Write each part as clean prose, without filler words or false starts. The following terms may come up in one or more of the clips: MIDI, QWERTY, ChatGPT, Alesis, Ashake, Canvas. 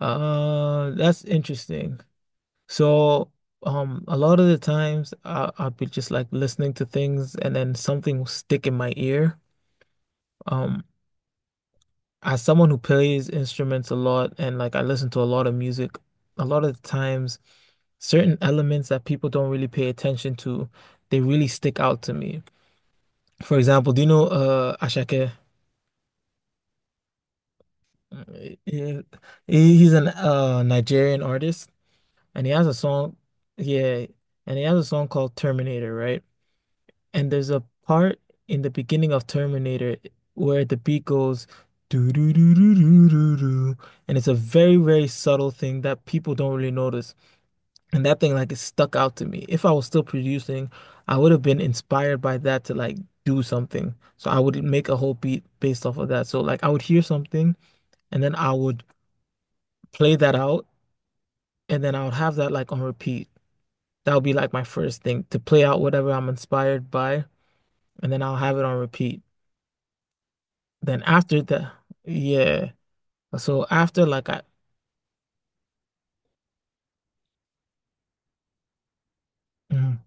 That's interesting. So, a lot of the times I'll be just like listening to things and then something will stick in my ear. Um, as someone who plays instruments a lot and like I listen to a lot of music, a lot of the times certain elements that people don't really pay attention to, they really stick out to me. For example, do you know Ashake? Uh, Yeah, he- He's an Nigerian artist. And he has a song, yeah, and he has a song called Terminator, right? And there's a part in the beginning of Terminator where the beat goes doo doo doo doo doo doo doo, and it's a very, very subtle thing that people don't really notice. And that thing like it stuck out to me. If I was still producing, I would have been inspired by that to like do something. So I would make a whole beat based off of that. So like I would hear something and then I would play that out and then I would have that like on repeat. That would be like my first thing to play out whatever I'm inspired by, and then I'll have it on repeat. Then after that, yeah. So after like I, mhm,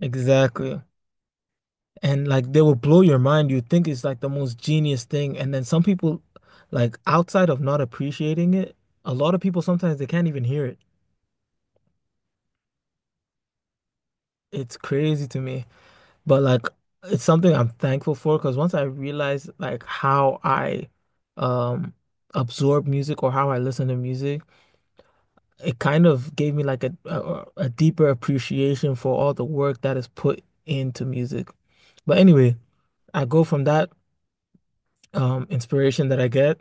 exactly. And like they will blow your mind. You think it's like the most genius thing. And then some people, like outside of not appreciating it, a lot of people sometimes they can't even hear it. It's crazy to me. But like it's something I'm thankful for because once I realized like how I um absorb music or how I listen to music, it kind of gave me like a deeper appreciation for all the work that is put into music. But anyway, I go from that inspiration that I get,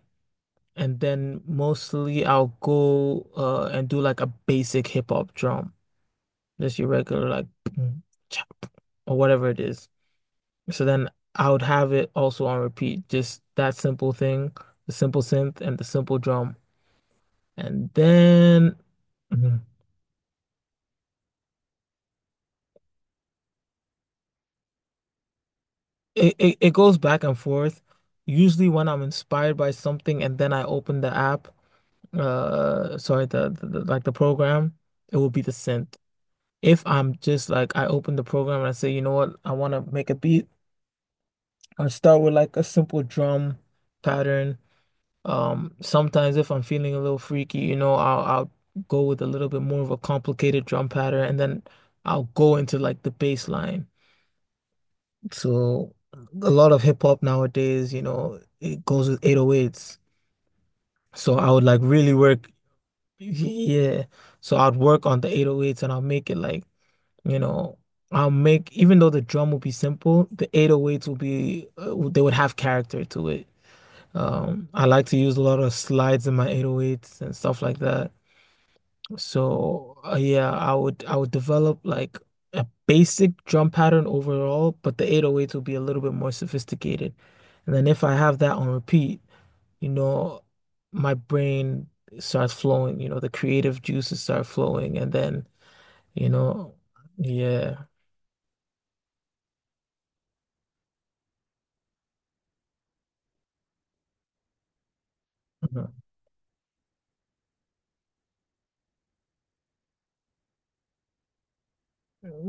and then mostly I'll go and do like a basic hip hop drum, just your regular like boom, chop, or whatever it is. So then I would have it also on repeat, just that simple thing, the simple synth and the simple drum, and then. Mm-hmm. It goes back and forth. Usually when I'm inspired by something and then I open the app, sorry, the like the program, it will be the synth. If I'm just like I open the program and I say, you know what, I want to make a beat, I start with like a simple drum pattern. Sometimes if I'm feeling a little freaky, you know, I'll go with a little bit more of a complicated drum pattern and then I'll go into like the bass line. So a lot of hip hop nowadays, you know, it goes with 808s. So I would like really work, yeah. So I'd work on the 808s and I'll make it like, you know, I'll make even though the drum will be simple, the 808s will be they would have character to it. I like to use a lot of slides in my 808s and stuff like that. So yeah, I would develop like a basic drum pattern overall, but the 808s will be a little bit more sophisticated. And then if I have that on repeat, you know, my brain starts flowing, you know, the creative juices start flowing and then, you know, yeah. Mhm.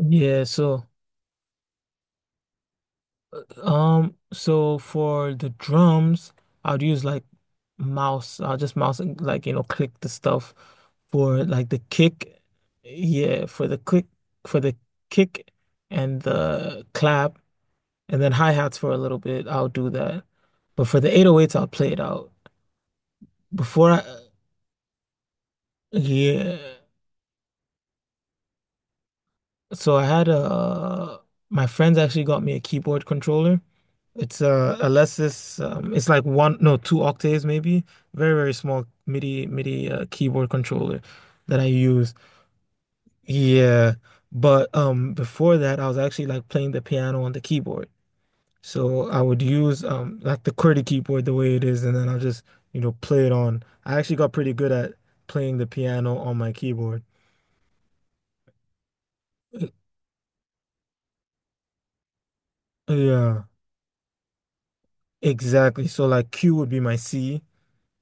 Yeah, so so for the drums, I'd use like mouse. I'll just mouse and like, you know, click the stuff for like the kick. Yeah, for the click for the kick and the clap and then hi-hats for a little bit. I'll do that. But for the 808s, I'll play it out. Before I, yeah. So I had a my friends actually got me a keyboard controller. It's a Alesis. It's like one, no, two octaves maybe. Very, very small MIDI keyboard controller that I use. Yeah, but before that, I was actually like playing the piano on the keyboard. So I would use like the QWERTY keyboard the way it is, and then I'll just you know play it on. I actually got pretty good at playing the piano on my keyboard. Yeah, exactly. So like Q would be my C.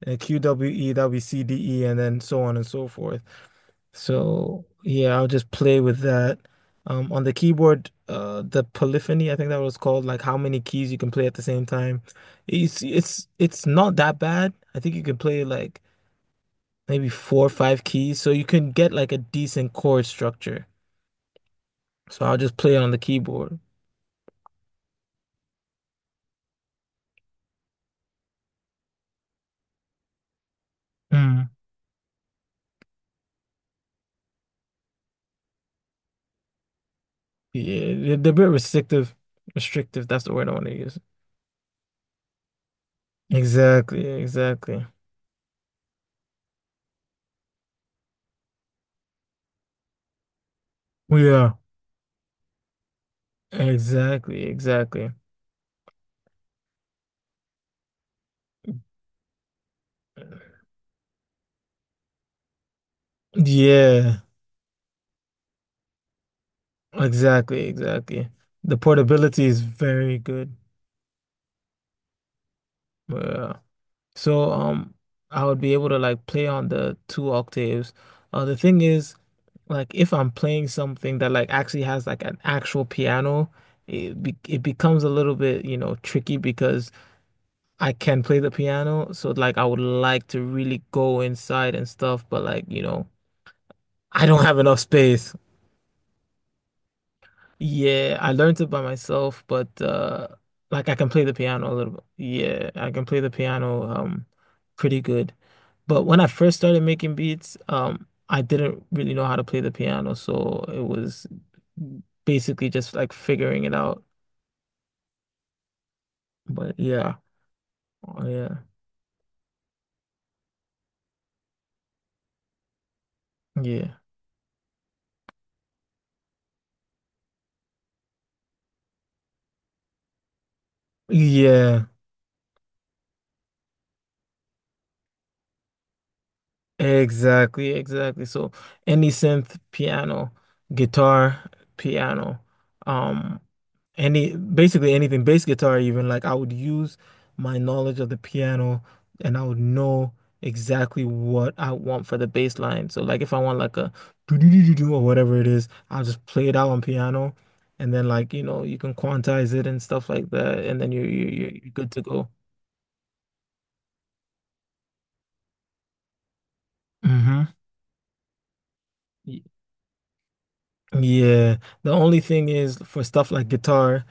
And QWE, that would be CDE, and then so on and so forth. So yeah, I'll just play with that. On the keyboard, the polyphony, I think that was called, like how many keys you can play at the same time. It's not that bad. I think you can play like maybe four or five keys, so you can get like a decent chord structure. So I'll just play it on the keyboard. Mm. Yeah, they're a bit restrictive. Restrictive, that's the word I want to use. Exactly, exactly. Yeah. Exactly, exactly. Yeah, exactly, exactly. The portability is very good. Yeah. So I would be able to like play on the two octaves. Uh, the thing is like if I'm playing something that like actually has like an actual piano, it becomes a little bit, you know, tricky because I can play the piano, so like I would like to really go inside and stuff, but like, you know, I don't have enough space. Yeah, I learned it by myself, but like I can play the piano a little bit. Yeah, I can play the piano pretty good. But when I first started making beats, I didn't really know how to play the piano, so it was basically just like figuring it out. But yeah. Oh, yeah. Yeah. Yeah. Exactly, exactly. So any synth, piano, guitar, piano, um, any basically anything, bass guitar even, like I would use my knowledge of the piano and I would know exactly what I want for the bass line. So like if I want like a do-do-do-do-do or whatever it is, I'll just play it out on piano and then like, you know, you can quantize it and stuff like that, and then you're good to go. Mm-hmm. Yeah, the only thing is for stuff like guitar,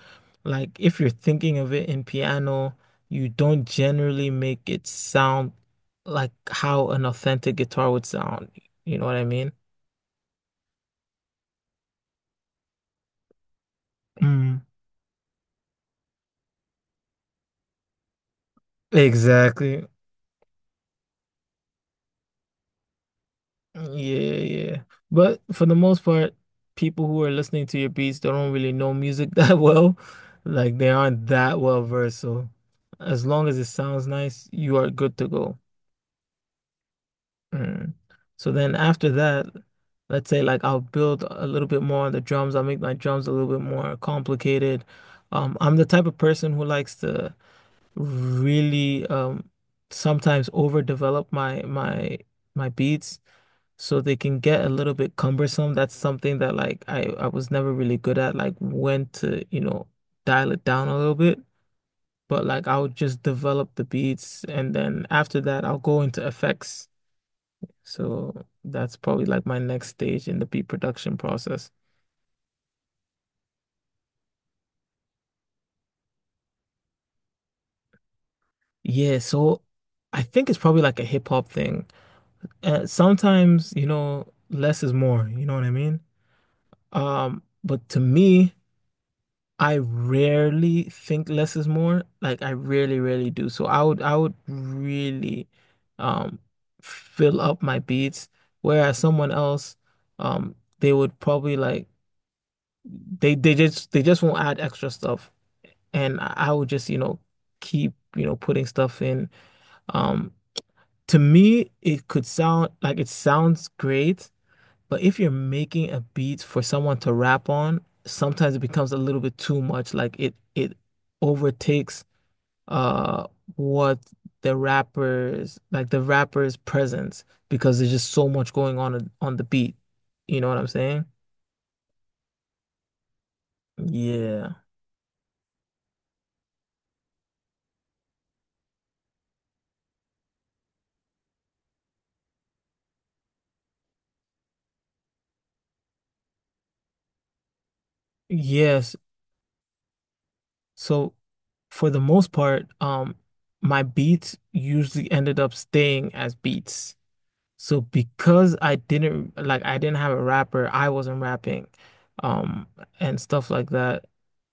like if you're thinking of it in piano, you don't generally make it sound like how an authentic guitar would sound. You know what I mean? Mm. Exactly. Yeah, yeah. But for the most part, people who are listening to your beats, they don't really know music that well. Like they aren't that well versed. So as long as it sounds nice, you are good to go. Mm. So then after that, let's say like I'll build a little bit more on the drums. I'll make my drums a little bit more complicated. I'm the type of person who likes to really sometimes overdevelop my beats so they can get a little bit cumbersome. That's something that like I was never really good at, like when to, you know, dial it down a little bit. But like I'll just develop the beats and then after that I'll go into effects. So that's probably like my next stage in the beat production process. Yeah, so I think it's probably like a hip hop thing. Sometimes, you know, less is more, you know what I mean? But to me, I rarely think less is more. Like I really, really do. So I would really um fill up my beats, whereas someone else, um, they would probably like they just they just won't add extra stuff. And I would just, you know, keep, you know, putting stuff in. Um, to me, it could sound like it sounds great, but if you're making a beat for someone to rap on, sometimes it becomes a little bit too much. Like it overtakes uh what the rappers like the rapper's presence because there's just so much going on the beat. You know what I'm saying? Yeah. Yes, so for the most part, my beats usually ended up staying as beats. So because I didn't like I didn't have a rapper, I wasn't rapping, um, and stuff like that.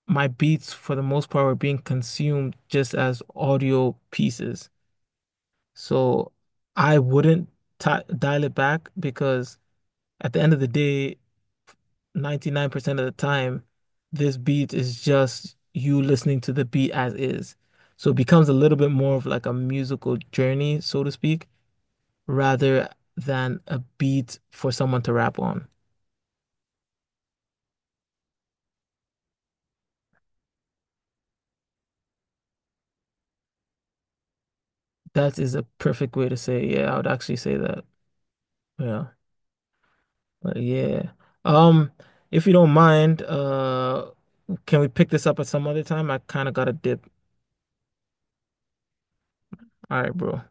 My beats for the most part were being consumed just as audio pieces. So I wouldn't ti dial it back because at the end of the day, 99% of the time, this beat is just you listening to the beat as is. So it becomes a little bit more of like a musical journey, so to speak, rather than a beat for someone to rap on. That is a perfect way to say, it. Yeah, I would actually say that. Yeah. But yeah. Um, if you don't mind, can we pick this up at some other time? I kind of got a dip. All right, bro.